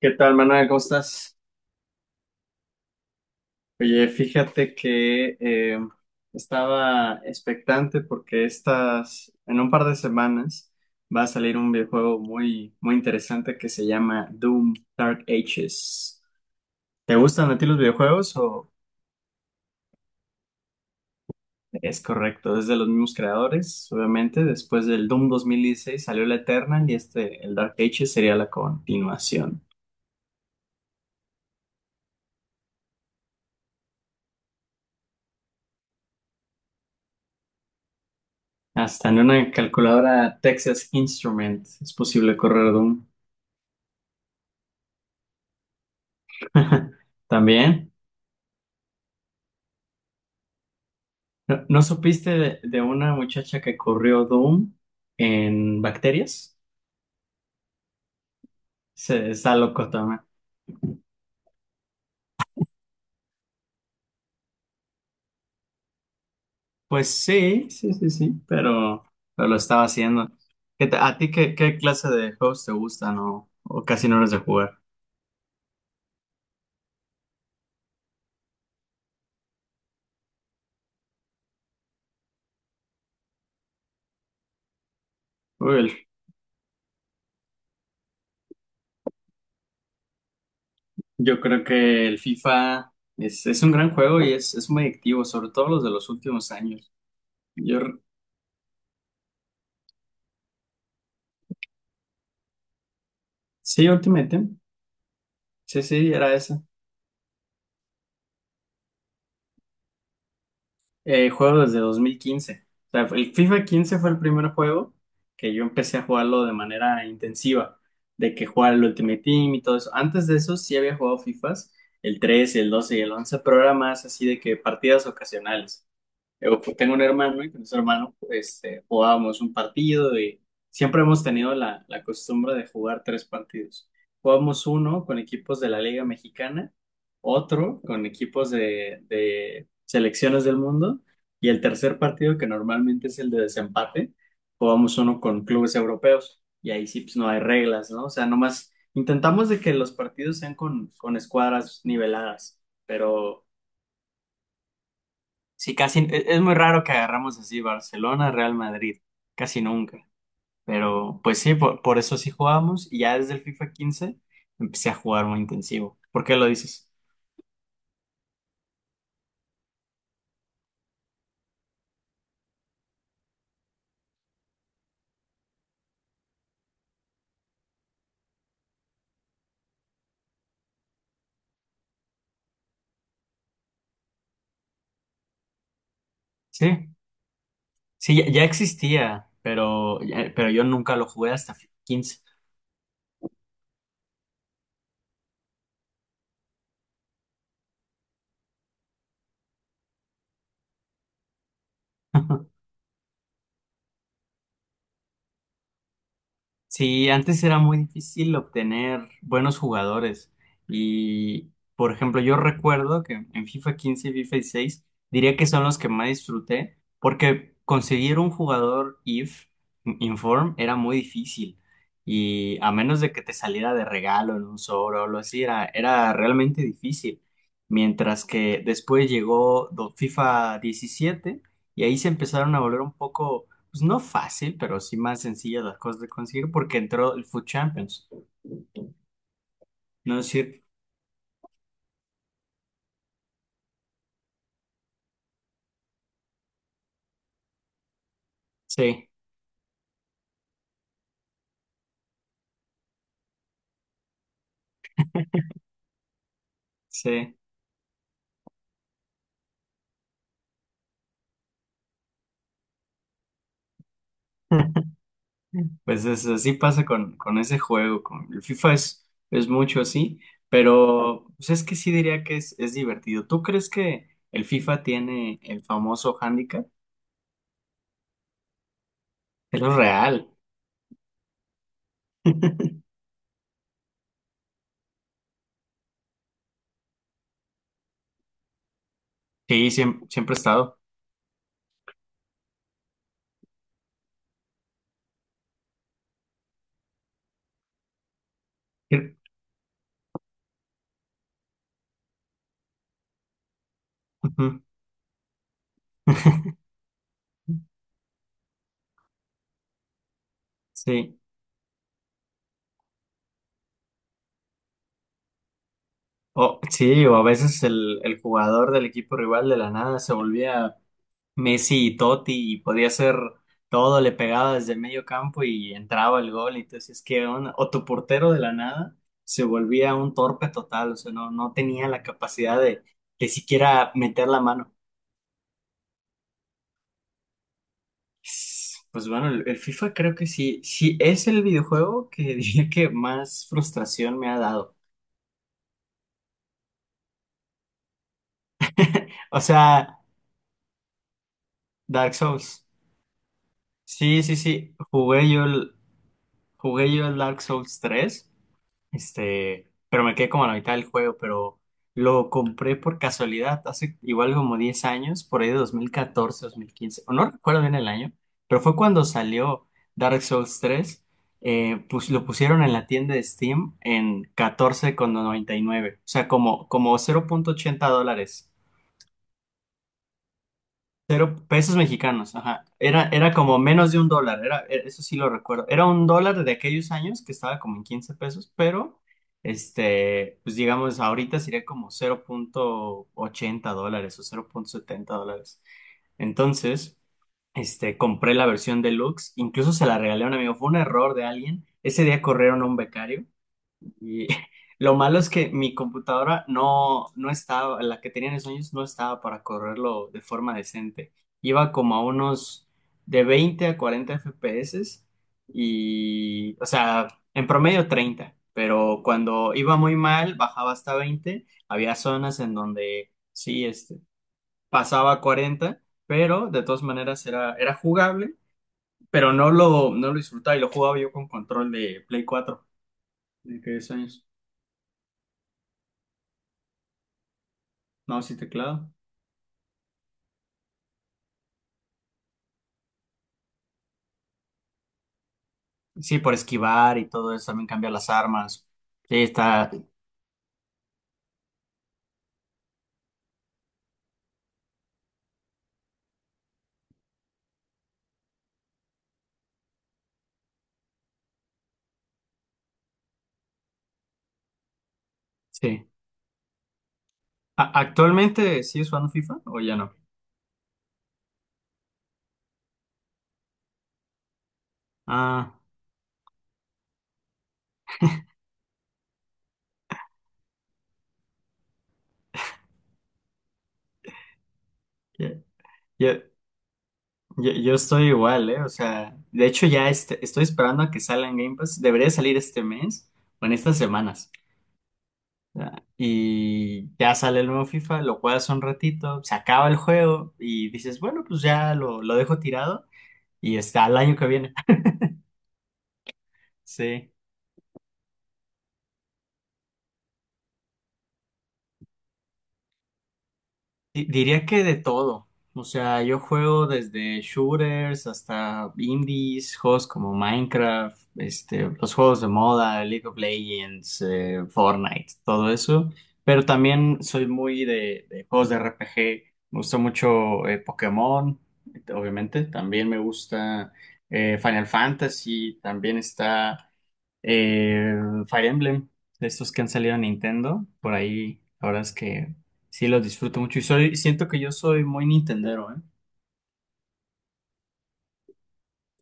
¿Qué tal, Manuel? ¿Cómo estás? Oye, fíjate que estaba expectante porque en un par de semanas va a salir un videojuego muy, muy interesante que se llama Doom Dark Ages. ¿Te gustan a ti los videojuegos o es correcto? Es de los mismos creadores, obviamente. Después del Doom 2016 salió el Eternal y este, el Dark Ages, sería la continuación. Hasta en una calculadora Texas Instrument es posible correr Doom. También, ¿no supiste de una muchacha que corrió Doom en bacterias? Está loco también. Pues sí, sí, sí, sí, pero lo estaba haciendo. ¿a ti qué clase de juegos te gustan o casi no eres de jugar? Uy, yo creo que el FIFA es un gran juego y es muy activo, sobre todo los de los últimos años. Yo, sí, Ultimate Team. Sí, sí, era ese. Juego desde 2015. O sea, el FIFA 15 fue el primer juego que yo empecé a jugarlo de manera intensiva, de que jugaba el Ultimate Team y todo eso. Antes de eso sí había jugado FIFAs, el 13, el 12 y el 11, pero era más así de que partidas ocasionales. Tengo un hermano y con ese hermano jugábamos un partido y siempre hemos tenido la costumbre de jugar tres partidos. Jugamos uno con equipos de la Liga Mexicana, otro con equipos de selecciones del mundo y el tercer partido, que normalmente es el de desempate, jugamos uno con clubes europeos y ahí sí pues, no hay reglas, ¿no? O sea, nomás intentamos de que los partidos sean con escuadras niveladas, pero. Sí, es muy raro que agarramos así Barcelona, Real Madrid, casi nunca. Pero pues sí, por eso sí jugamos y ya desde el FIFA 15 empecé a jugar muy intensivo. ¿Por qué lo dices? Sí, sí, ya existía, pero yo nunca lo jugué hasta FIFA 15. Sí, antes era muy difícil obtener buenos jugadores. Y, por ejemplo, yo recuerdo que en FIFA 15 y FIFA 16 diría que son los que más disfruté porque conseguir un jugador IF, Inform, era muy difícil. Y a menos de que te saliera de regalo en un sobre o algo así, era realmente difícil. Mientras que después llegó FIFA 17 y ahí se empezaron a volver un poco, pues no fácil, pero sí más sencilla las cosas de conseguir porque entró el Food Champions. No es cierto. Sí, sí. Pues así pasa con ese juego, con el FIFA es mucho así, pero pues es que sí diría que es divertido. ¿Tú crees que el FIFA tiene el famoso handicap? Es lo real. Sí, siempre, siempre ha estado. Sí. Ujú. Sí. Sí, o a veces el jugador del equipo rival de la nada se volvía Messi y Totti y podía hacer todo, le pegaba desde el medio campo y entraba el gol. Y entonces, o tu portero de la nada se volvía un torpe total, o sea, no tenía la capacidad de siquiera meter la mano. Pues bueno, el FIFA creo que sí es el videojuego que diría que más frustración me ha dado. O sea, Dark Souls. Sí, sí, sí. Jugué yo el Dark Souls 3. Pero me quedé como a la mitad del juego, pero lo compré por casualidad hace igual como 10 años, por ahí de 2014, 2015, o no recuerdo bien el año, pero fue cuando salió Dark Souls 3. Pues lo pusieron en la tienda de Steam en 14,99, o sea, como $0.80. Cero pesos mexicanos, ajá. Era como menos de un dólar, eso sí lo recuerdo. Era un dólar de aquellos años que estaba como en 15 pesos, pero pues digamos, ahorita sería como $0.80 o $0.70. Entonces, compré la versión deluxe, incluso se la regalé a un amigo, fue un error de alguien. Ese día corrieron a un becario y lo malo es que mi computadora no estaba, la que tenía en esos años no estaba para correrlo de forma decente. Iba como a unos de 20 a 40 FPS y, o sea, en promedio 30, pero cuando iba muy mal, bajaba hasta 20. Había zonas en donde sí, pasaba a 40, pero de todas maneras era jugable, pero no lo disfrutaba, y lo jugaba yo con control de Play 4 de aquellos años. No, sí, teclado. Sí, por esquivar y todo eso, también cambiar las armas. Sí, sí. ¿Actualmente sí es fan FIFA o ya no? Ah, ya- ya- yo estoy igual, ¿eh? O sea, de hecho ya estoy esperando a que salga en Game Pass. Debería salir este mes o en estas semanas. Ya, Y ya sale el nuevo FIFA, lo juegas un ratito, se acaba el juego y dices, bueno, pues ya lo dejo tirado y está el año que viene. Sí. Diría que de todo. O sea, yo juego desde shooters hasta indies, juegos como Minecraft, los juegos de moda, League of Legends, Fortnite, todo eso. Pero también soy muy de juegos de RPG. Me gusta mucho Pokémon, obviamente. También me gusta Final Fantasy. También está. Eh, Fire Emblem, de estos que han salido a Nintendo, por ahí, la verdad es que sí los disfruto mucho y siento que yo soy muy nintendero, ¿eh?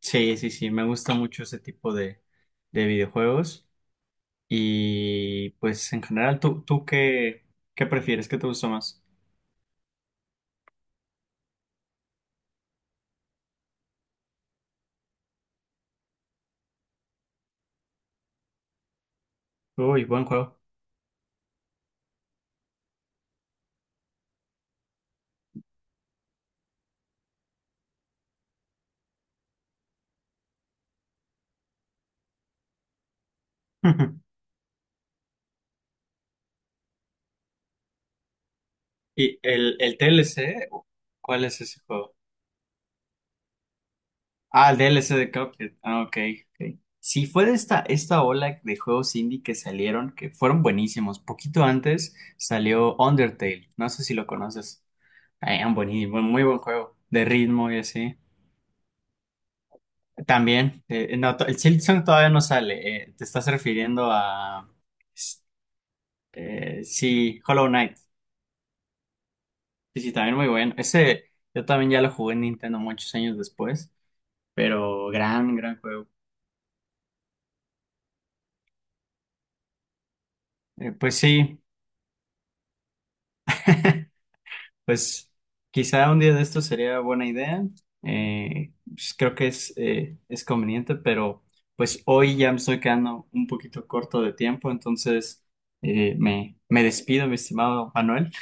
Sí, sí, sí, me gusta mucho ese tipo de videojuegos, y pues en general, ¿tú qué prefieres? ¿Qué te gusta más? Uy, buen juego. ¿Y el TLC? ¿Cuál es ese juego? Ah, el DLC de Cuphead. Ah, ok, ok. Sí, fue de esta ola de juegos indie que salieron, que fueron buenísimos. Poquito antes salió Undertale, no sé si lo conoces. Un buenísimo, muy buen juego, de ritmo y así. También, no, el Silksong todavía no sale. Te estás refiriendo a, s- sí, Hollow Knight. Sí, sí, también muy bueno. Ese, yo también ya lo jugué en Nintendo muchos años después, pero gran, gran juego. Pues sí. Pues quizá un día de esto sería buena idea. Pues, creo que es conveniente, pero pues hoy ya me estoy quedando un poquito corto de tiempo, entonces me despido, mi estimado Manuel.